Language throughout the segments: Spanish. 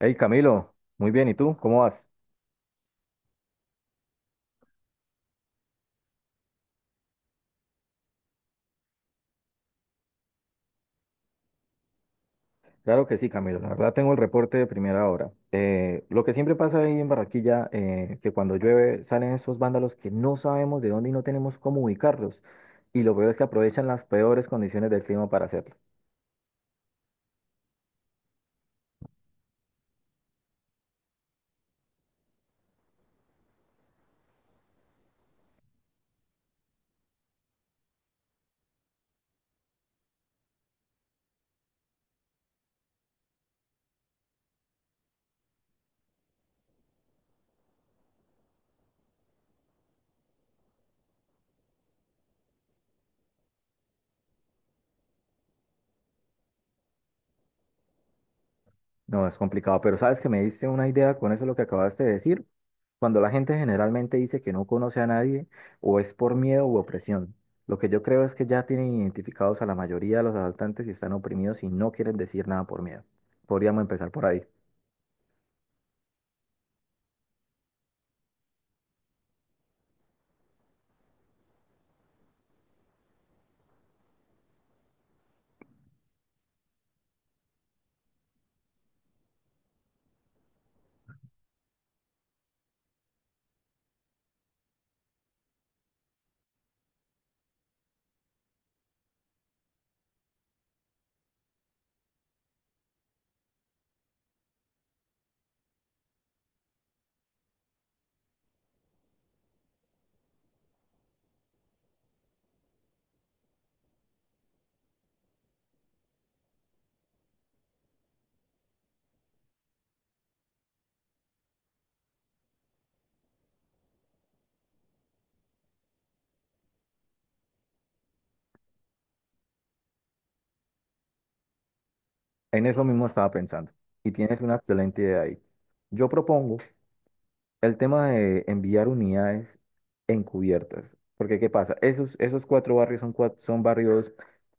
Hey Camilo, muy bien, ¿y tú? ¿Cómo vas? Claro que sí, Camilo, la verdad tengo el reporte de primera hora. Lo que siempre pasa ahí en Barranquilla, que cuando llueve salen esos vándalos que no sabemos de dónde y no tenemos cómo ubicarlos. Y lo peor es que aprovechan las peores condiciones del clima para hacerlo. No, es complicado, pero sabes que me diste una idea con eso lo que acabaste de decir. Cuando la gente generalmente dice que no conoce a nadie, o es por miedo u opresión. Lo que yo creo es que ya tienen identificados a la mayoría de los asaltantes y están oprimidos y no quieren decir nada por miedo. Podríamos empezar por ahí. En eso mismo estaba pensando, y tienes una excelente idea ahí. Yo propongo el tema de enviar unidades encubiertas. Porque, ¿qué pasa? Esos cuatro barrios son, son barrios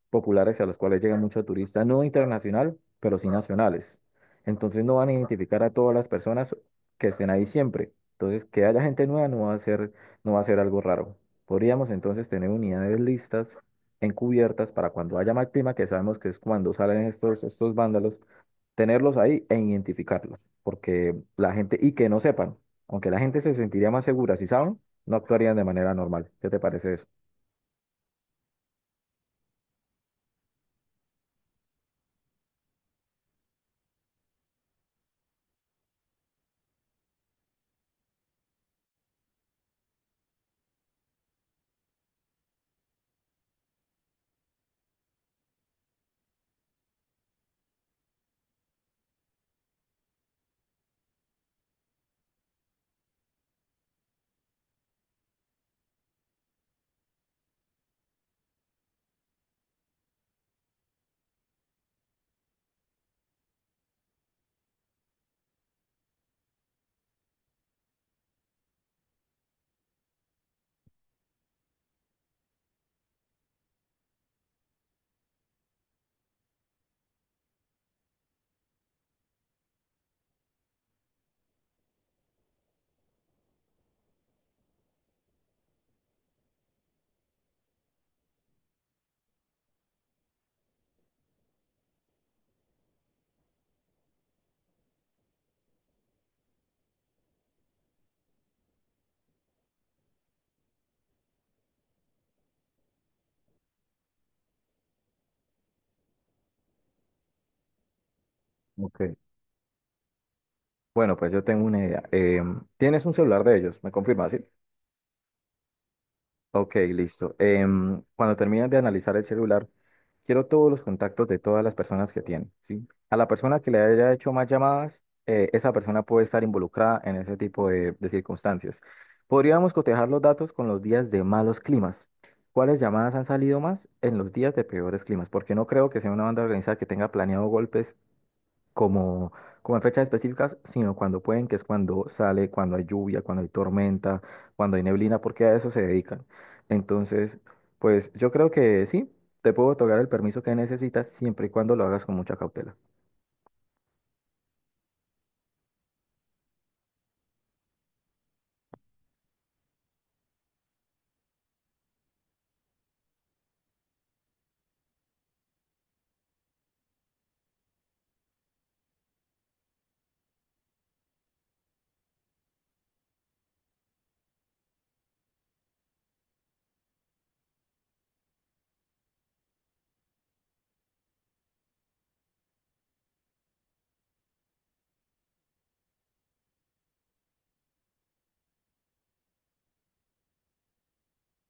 populares a los cuales llega mucho turista, no internacional, pero sí nacionales. Entonces no van a identificar a todas las personas que estén ahí siempre. Entonces, que haya gente nueva no va a ser algo raro. Podríamos entonces tener unidades listas, encubiertas, para cuando haya mal clima, que sabemos que es cuando salen estos vándalos, tenerlos ahí e identificarlos. Porque la gente, y que no sepan. Aunque la gente se sentiría más segura si saben, no actuarían de manera normal. ¿Qué te parece eso? Ok. Bueno, pues yo tengo una idea. Tienes un celular de ellos, me confirmas, ¿sí? Ok, listo. Cuando termines de analizar el celular, quiero todos los contactos de todas las personas que tiene, ¿sí? A la persona que le haya hecho más llamadas, esa persona puede estar involucrada en ese tipo de circunstancias. Podríamos cotejar los datos con los días de malos climas. ¿Cuáles llamadas han salido más en los días de peores climas? Porque no creo que sea una banda organizada que tenga planeado golpes como, como en fechas específicas, sino cuando pueden, que es cuando sale, cuando hay lluvia, cuando hay tormenta, cuando hay neblina, porque a eso se dedican. Entonces, pues yo creo que sí, te puedo otorgar el permiso que necesitas siempre y cuando lo hagas con mucha cautela.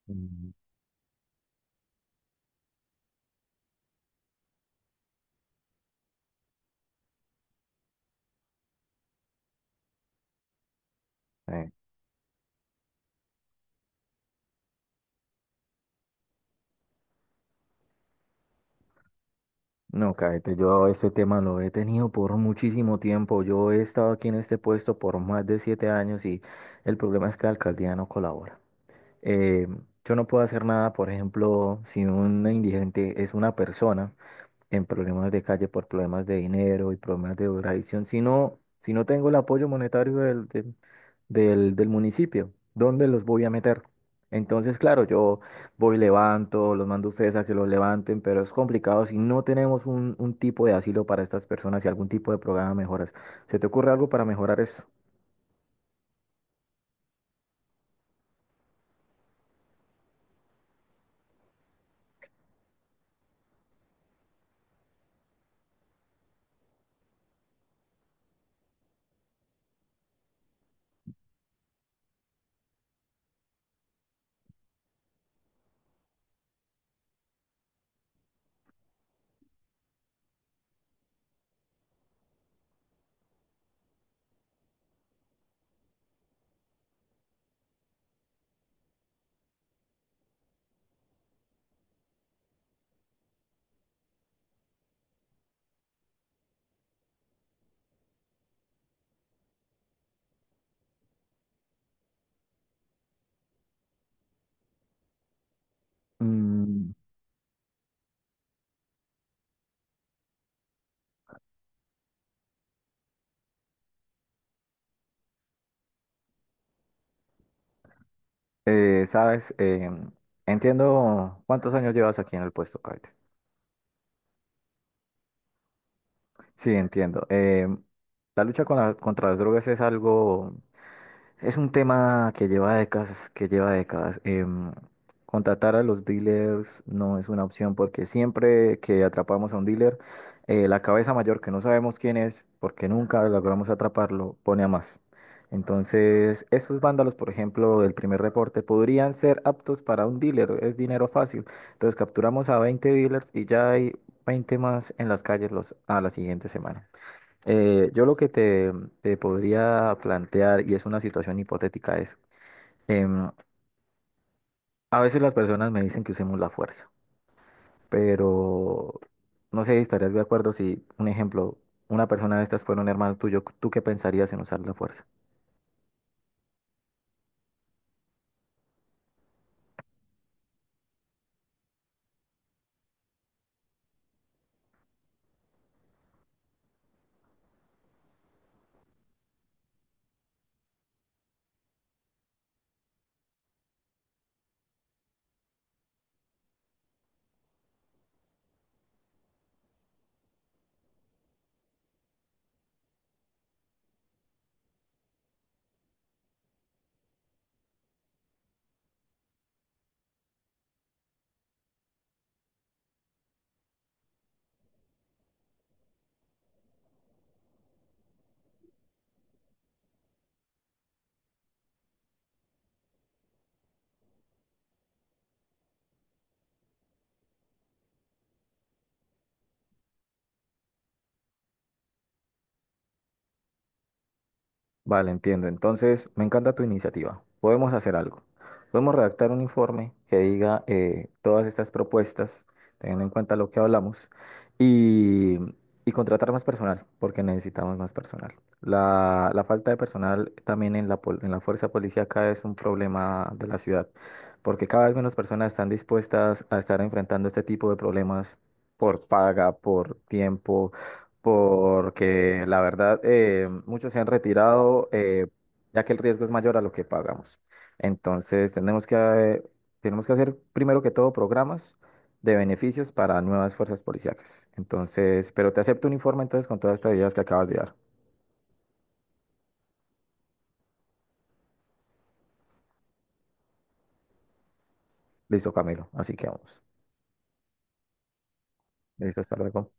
Mm, Eh, No, cállate, yo ese tema lo he tenido por muchísimo tiempo. Yo he estado aquí en este puesto por más de 7 años y el problema es que la alcaldía no colabora. Eh, yo no puedo hacer nada, por ejemplo, si un indigente es una persona en problemas de calle por problemas de dinero y problemas de drogadicción, si no tengo el apoyo monetario del municipio, ¿dónde los voy a meter? Entonces, claro, yo voy, levanto, los mando a ustedes a que los levanten, pero es complicado si no tenemos un tipo de asilo para estas personas y algún tipo de programa de mejoras. ¿Se te ocurre algo para mejorar eso? Mm, sabes, entiendo cuántos años llevas aquí en el puesto, Kate. Sí, entiendo. La lucha contra las drogas es algo, es un tema que lleva décadas, que lleva décadas. Contratar a los dealers no es una opción porque siempre que atrapamos a un dealer, la cabeza mayor que no sabemos quién es, porque nunca logramos atraparlo, pone a más. Entonces, esos vándalos, por ejemplo, del primer reporte, podrían ser aptos para un dealer, es dinero fácil. Entonces, capturamos a 20 dealers y ya hay 20 más en las calles los, a la siguiente semana. Yo lo que te podría plantear, y es una situación hipotética, es, em, a veces las personas me dicen que usemos la fuerza, pero no sé, si estarías de acuerdo si, un ejemplo, una persona de estas fuera un hermano tuyo, ¿tú qué pensarías en usar la fuerza? Vale, entiendo. Entonces, me encanta tu iniciativa. Podemos hacer algo. Podemos redactar un informe que diga todas estas propuestas, teniendo en cuenta lo que hablamos, y, y contratar más personal, porque necesitamos más personal. La falta de personal también en en la fuerza policíaca es un problema de la ciudad, porque cada vez menos personas están dispuestas a estar enfrentando este tipo de problemas por paga, por tiempo, porque la verdad muchos se han retirado, ya que el riesgo es mayor a lo que pagamos. Entonces tenemos que hacer primero que todo programas de beneficios para nuevas fuerzas policiacas. Entonces, pero te acepto un informe entonces con todas estas ideas que acabas de dar. Listo, Camilo. Así que vamos. Listo, hasta luego.